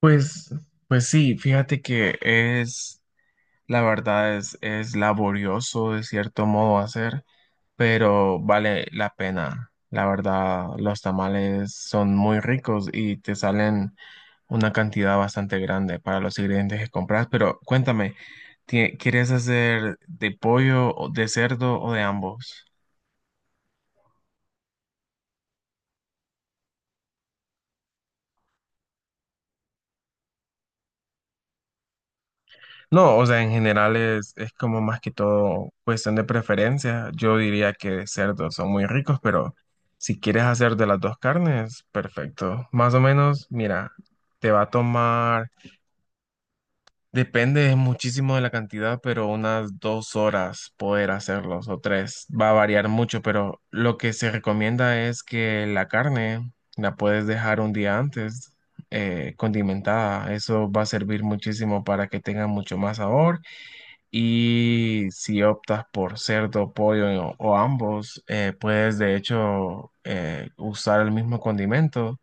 Pues, pues, sí, fíjate la verdad es laborioso de cierto modo hacer, pero vale la pena. La verdad, los tamales son muy ricos y te salen una cantidad bastante grande para los ingredientes que compras. Pero cuéntame, ¿quieres hacer de pollo, o de cerdo o de ambos? No, o sea, en general es como más que todo cuestión de preferencia. Yo diría que de cerdo son muy ricos, pero si quieres hacer de las dos carnes, perfecto. Más o menos, mira, te va a tomar, depende muchísimo de la cantidad, pero unas 2 horas poder hacerlos o 3. Va a variar mucho, pero lo que se recomienda es que la carne la puedes dejar un día antes, condimentada. Eso va a servir muchísimo para que tenga mucho más sabor y si optas por cerdo, pollo o ambos, puedes de hecho usar el mismo condimento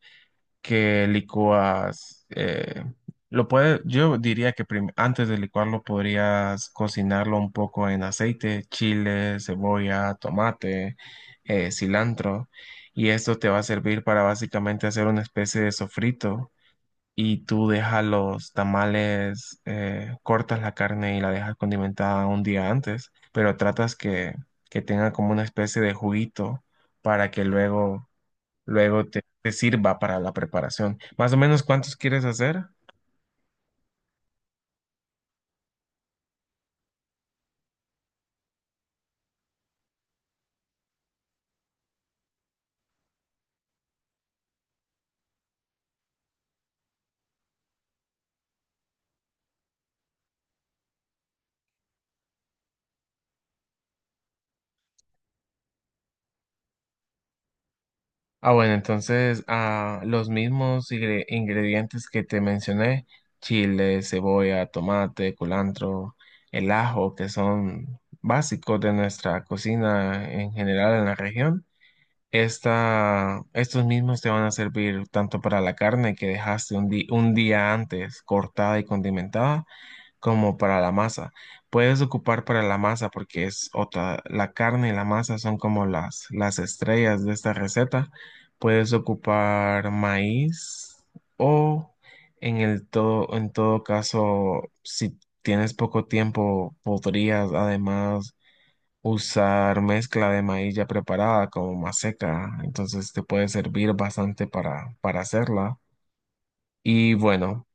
que licúas. Lo puedes. Yo diría que antes de licuarlo podrías cocinarlo un poco en aceite, chile, cebolla, tomate, cilantro. Y esto te va a servir para básicamente hacer una especie de sofrito y tú dejas los tamales, cortas la carne y la dejas condimentada un día antes, pero tratas que tenga como una especie de juguito para que luego te sirva para la preparación. Más o menos, ¿cuántos quieres hacer? Ah, bueno, entonces ah, los mismos ingredientes que te mencioné, chile, cebolla, tomate, culantro, el ajo, que son básicos de nuestra cocina en general en la región. Estos mismos te van a servir tanto para la carne que dejaste un día antes cortada y condimentada, como para la masa. Puedes ocupar para la masa porque es otra, la carne y la masa son como las estrellas de esta receta. Puedes ocupar maíz o en todo caso, si tienes poco tiempo, podrías además usar mezcla de maíz ya preparada como maseca, entonces te puede servir bastante para hacerla. Y bueno,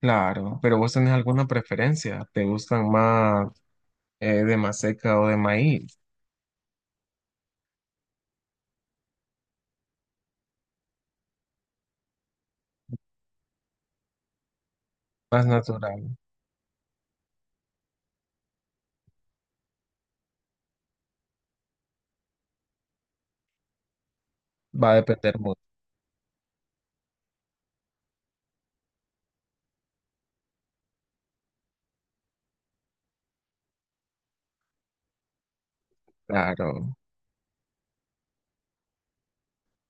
claro, pero vos tenés alguna preferencia, ¿te gustan más de maseca o de maíz? Más natural, va a depender mucho, claro.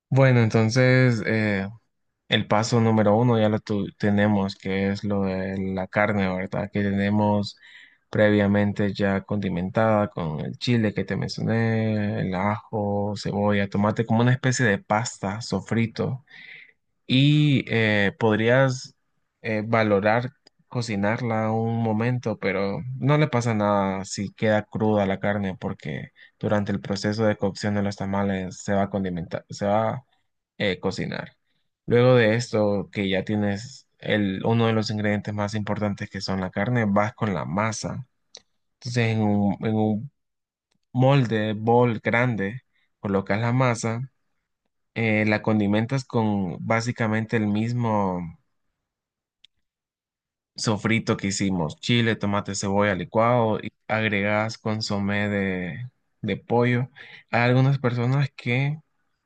Bueno, entonces, el paso número uno ya lo tenemos, que es lo de la carne, ¿verdad? Que tenemos previamente ya condimentada con el chile que te mencioné, el ajo, cebolla, tomate, como una especie de pasta, sofrito. Y podrías valorar cocinarla un momento, pero no le pasa nada si queda cruda la carne, porque durante el proceso de cocción de los tamales se va a condimentar, se va cocinar. Luego de esto, que ya tienes el, uno de los ingredientes más importantes que son la carne, vas con la masa. Entonces, en un molde, bol grande, colocas la masa, la condimentas con básicamente el mismo sofrito que hicimos, chile, tomate, cebolla, licuado, y agregas consomé de pollo. Hay algunas personas que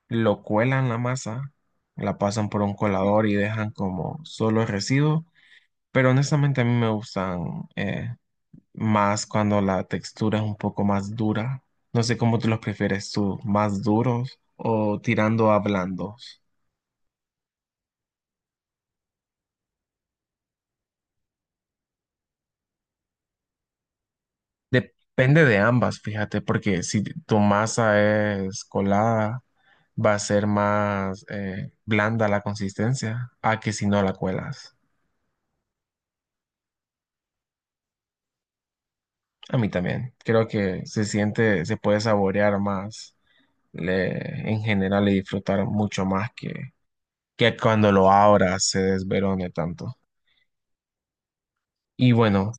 lo cuelan la masa, la pasan por un colador y dejan como solo el residuo, pero honestamente a mí me gustan más cuando la textura es un poco más dura. No sé cómo tú los prefieres tú, más duros o tirando a blandos. Depende de ambas, fíjate, porque si tu masa es colada, va a ser más blanda la consistencia a que si no la cuelas. A mí también. Creo que se siente, se puede saborear más en general y disfrutar mucho más que cuando lo abras se desverone tanto. Y bueno,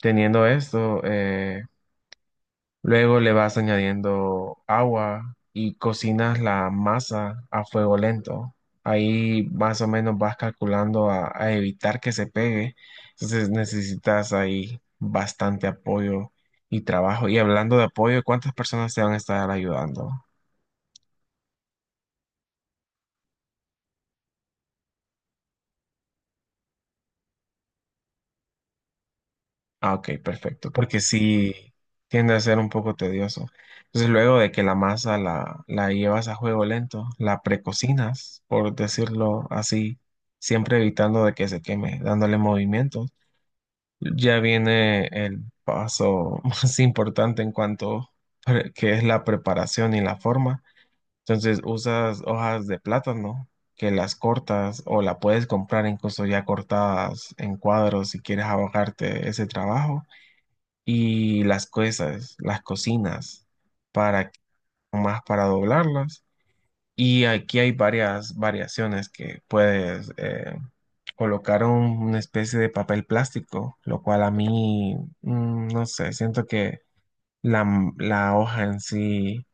teniendo esto, luego le vas añadiendo agua y cocinas la masa a fuego lento. Ahí más o menos vas calculando a evitar que se pegue. Entonces necesitas ahí bastante apoyo y trabajo. Y hablando de apoyo, ¿cuántas personas te van a estar ayudando? Ah, ok, perfecto, porque sí tiende a ser un poco tedioso. Entonces, luego de que la masa la llevas a juego lento, la precocinas, por decirlo así, siempre evitando de que se queme, dándole movimientos. Ya viene el paso más importante en cuanto que es la preparación y la forma. Entonces, usas hojas de plátano que las cortas o la puedes comprar incluso ya cortadas en cuadros si quieres abogarte ese trabajo y las cosas, las cocinas, para que- más para doblarlas. Y aquí hay varias variaciones que puedes colocar una especie de papel plástico, lo cual a mí, mm, no sé, siento que la hoja en sí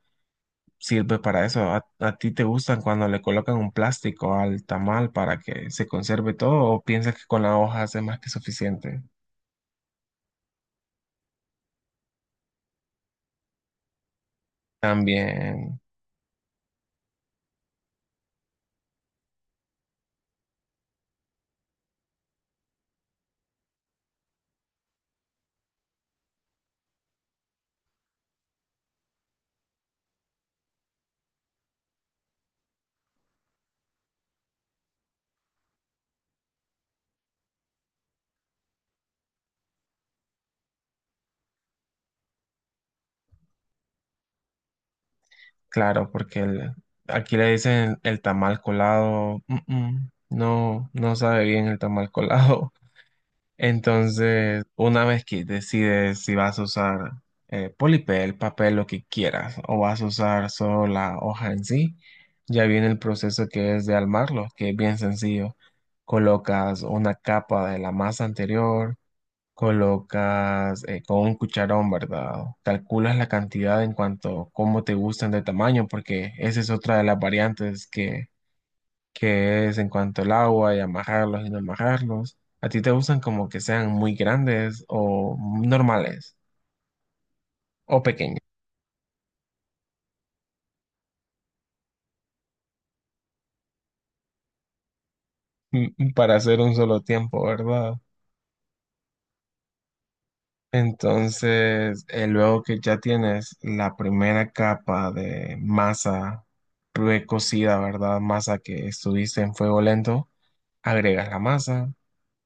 sirve para eso. A ti te gustan cuando le colocan un plástico al tamal para que se conserve todo o piensas que con la hoja es más que suficiente? También. Claro, porque aquí le dicen el tamal colado. Mm, mm, no, no sabe bien el tamal colado. Entonces, una vez que decides si vas a usar polipel, papel, lo que quieras, o vas a usar solo la hoja en sí, ya viene el proceso que es de armarlo, que es bien sencillo. Colocas una capa de la masa anterior. Colocas con un cucharón, ¿verdad? Calculas la cantidad en cuanto cómo te gustan de tamaño, porque esa es otra de las variantes que es en cuanto al agua y amajarlos y no amajarlos. ¿A ti te gustan como que sean muy grandes o normales o pequeños para hacer un solo tiempo, ¿verdad? Entonces, luego que ya tienes la primera capa de masa precocida, ¿verdad? Masa que estuviste en fuego lento. Agregas la masa,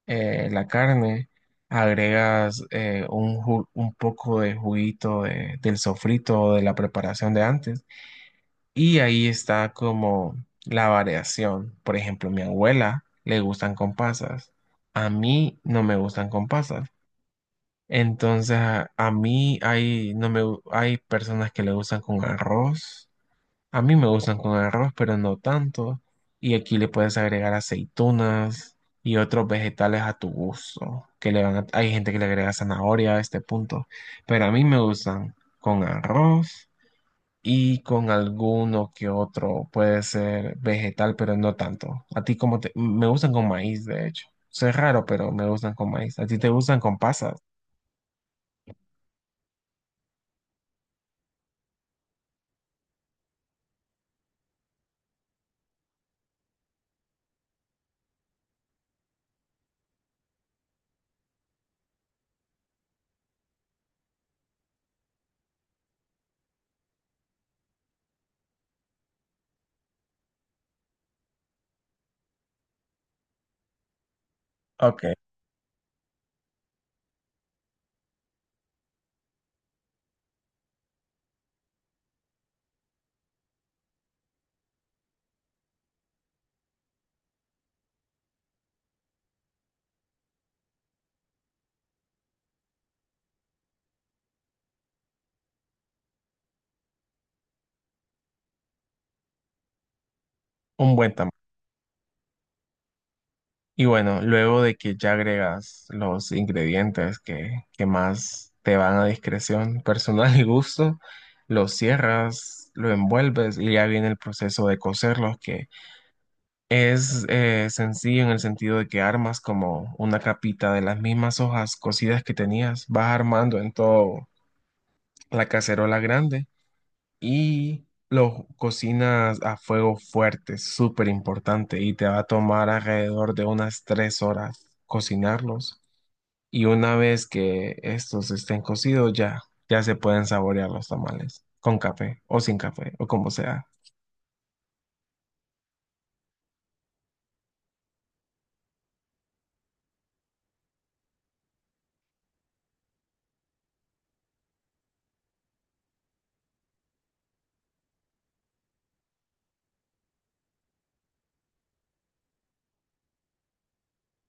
la carne, agregas un poco de juguito del sofrito o de la preparación de antes y ahí está como la variación. Por ejemplo, mi abuela le gustan con pasas, a mí no me gustan con pasas. Entonces, a mí hay, no me, gu- hay personas que le gustan con arroz. A mí me gustan con arroz, pero no tanto. Y aquí le puedes agregar aceitunas y otros vegetales a tu gusto. Que le van a... hay gente que le agrega zanahoria a este punto. Pero a mí me gustan con arroz y con alguno que otro. Puede ser vegetal, pero no tanto. A ti como te... Me gustan con maíz, de hecho. Eso es raro, pero me gustan con maíz. A ti te gustan con pasas. Ok, un buen tamaño. Y bueno, luego de que ya agregas los ingredientes que más te van a discreción personal y gusto, lo cierras, lo envuelves y ya viene el proceso de cocerlos, que es sencillo en el sentido de que armas como una capita de las mismas hojas cocidas que tenías, vas armando en todo la cacerola grande y lo cocinas a fuego fuerte, súper importante, y te va a tomar alrededor de unas 3 horas cocinarlos. Y una vez que estos estén cocidos, ya, ya se pueden saborear los tamales, con café o sin café o como sea.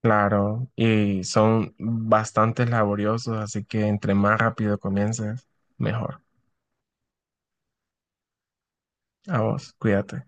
Claro, y son bastante laboriosos, así que entre más rápido comiences, mejor. A vos, cuídate.